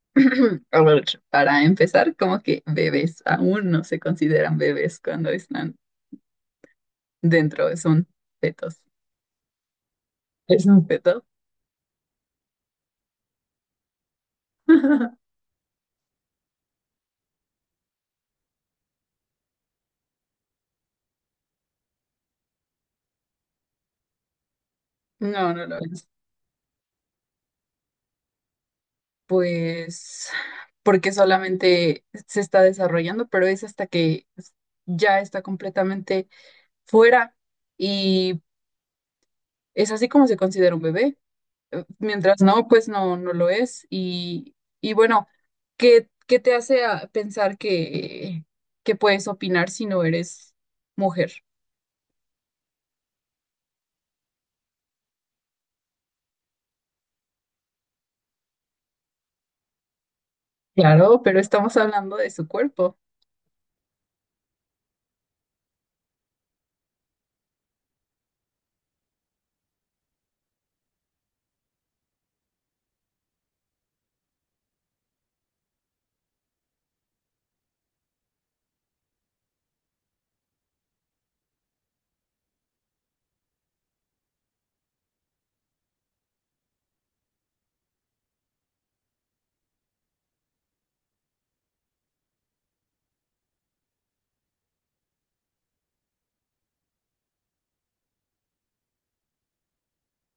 A ver, para empezar, como que bebés aún no se consideran bebés cuando están dentro, son fetos. ¿Es un feto? No, no lo es. Pues porque solamente se está desarrollando, pero es hasta que ya está completamente fuera y es así como se considera un bebé. Mientras no, pues no, no lo es. Y bueno, ¿qué te hace pensar que puedes opinar si no eres mujer? Claro, pero estamos hablando de su cuerpo.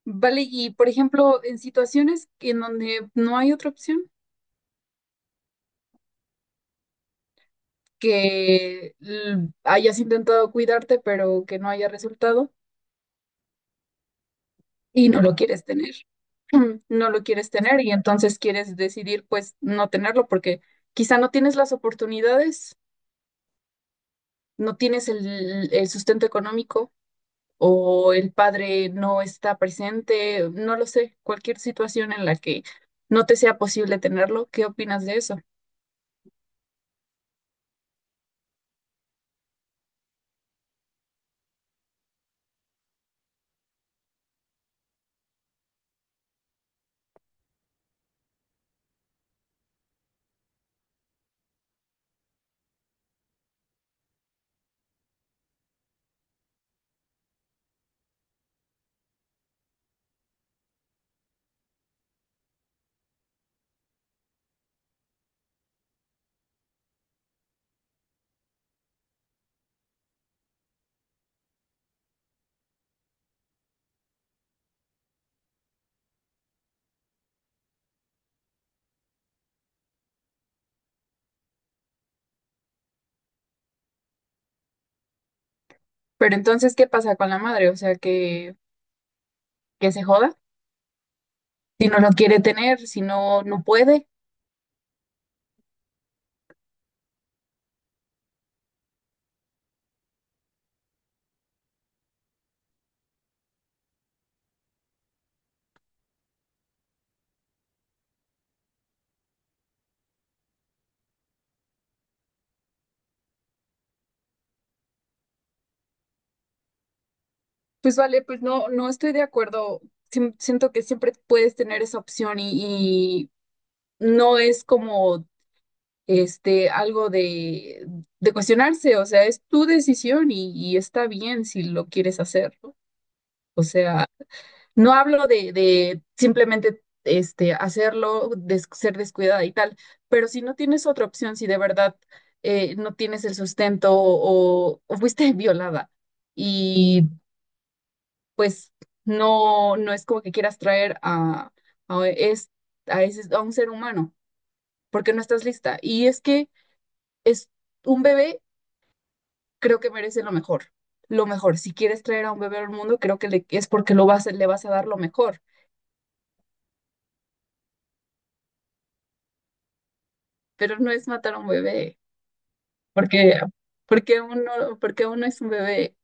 Vale, y por ejemplo, en situaciones en donde no hay otra opción, que hayas intentado cuidarte, pero que no haya resultado y no lo quieres tener. Mm, no lo quieres tener y entonces quieres decidir pues no tenerlo porque quizá no tienes las oportunidades, no tienes el sustento económico o el padre no está presente, no lo sé, cualquier situación en la que no te sea posible tenerlo. ¿Qué opinas de eso? Pero entonces, ¿qué pasa con la madre? O sea, que se joda, si no lo quiere tener, si no, no puede. Pues vale, pues no, no estoy de acuerdo. Siento que siempre puedes tener esa opción y no es como algo de cuestionarse. O sea, es tu decisión y está bien si lo quieres hacer, ¿no? O sea, no hablo de simplemente hacerlo, ser descuidada y tal, pero si no tienes otra opción, si de verdad no tienes el sustento o fuiste violada y pues no, no es como que quieras traer a, es, a, ese- a un ser humano porque no estás lista. Y es que es un bebé, creo que merece lo mejor. Lo mejor. Si quieres traer a un bebé al mundo, creo que es porque lo vas, le vas a dar lo mejor. Pero no es matar a un bebé, porque, porque uno es un bebé.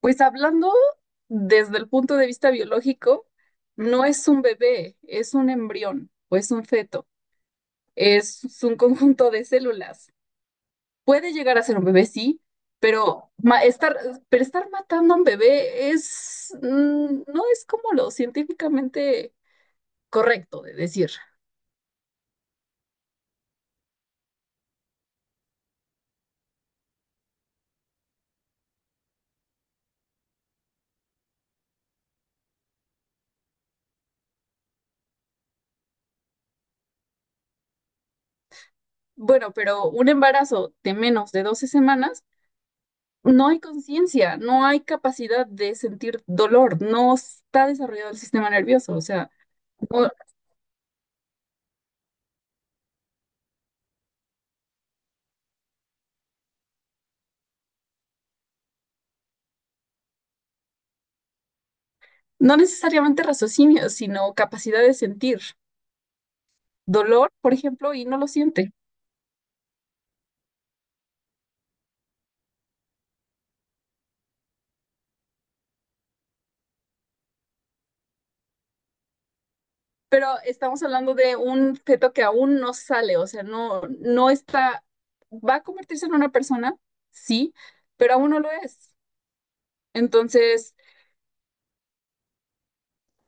Pues hablando desde el punto de vista biológico, no es un bebé, es un embrión o es un feto, es un conjunto de células. Puede llegar a ser un bebé, sí, pero pero estar matando a un bebé es, no es como lo científicamente correcto de decir. Bueno, pero un embarazo de menos de doce semanas, no hay conciencia, no hay capacidad de sentir dolor, no está desarrollado el sistema nervioso. O sea, no, no necesariamente raciocinio, sino capacidad de sentir dolor, por ejemplo, y no lo siente. Pero estamos hablando de un feto que aún no sale, o sea, no, no está, va a convertirse en una persona, sí, pero aún no lo es. Entonces,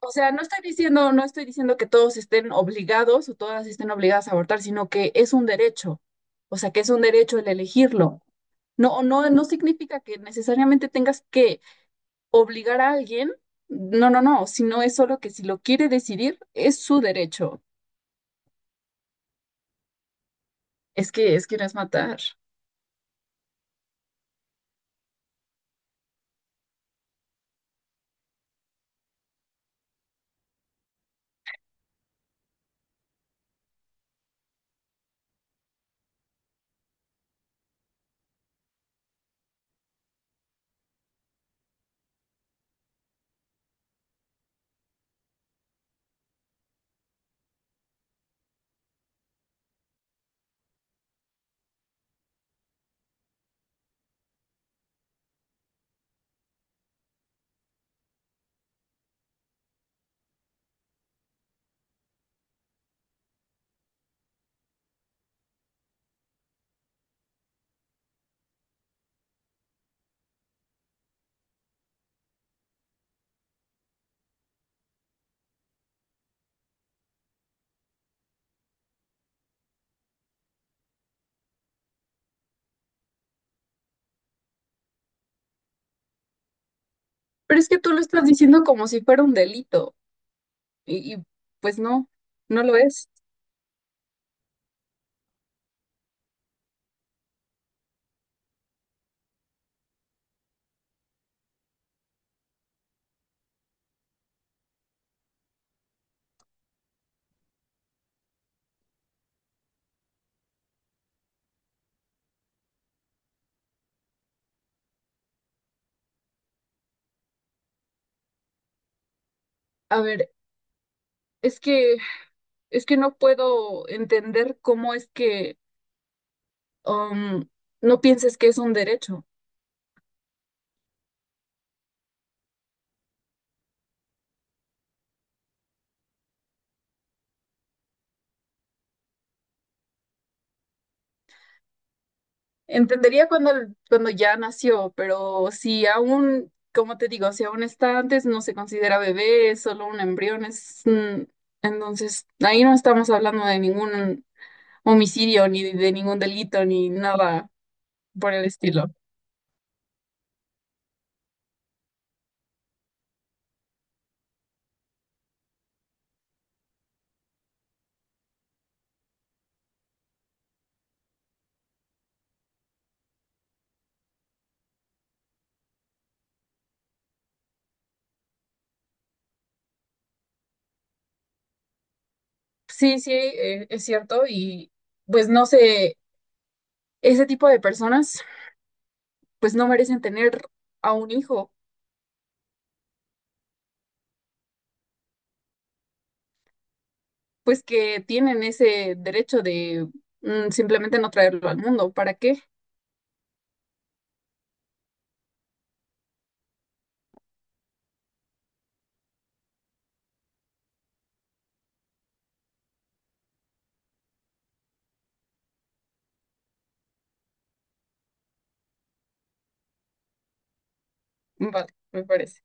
o sea, no estoy diciendo, no estoy diciendo que todos estén obligados o todas estén obligadas a abortar, sino que es un derecho, o sea, que es un derecho el elegirlo. No, no, no significa que necesariamente tengas que obligar a alguien, no, no, no, sino es solo que si lo quiere decidir, es su derecho. Es que no es matar. Pero es que tú lo estás diciendo como si fuera un delito y, pues no, no lo es. A ver, es que es que no puedo entender cómo es que um, no pienses que es un derecho. Entendería cuando cuando ya nació, pero si aún, como te digo, si aún está antes, no se considera bebé, es solo un embrión, es entonces ahí no estamos hablando de ningún homicidio ni de ningún delito ni nada por el estilo. Sí, sí, es cierto y pues no sé, ese tipo de personas pues no merecen tener a un hijo, pues que tienen ese derecho de simplemente no traerlo al mundo. ¿Para qué? Vale, me parece.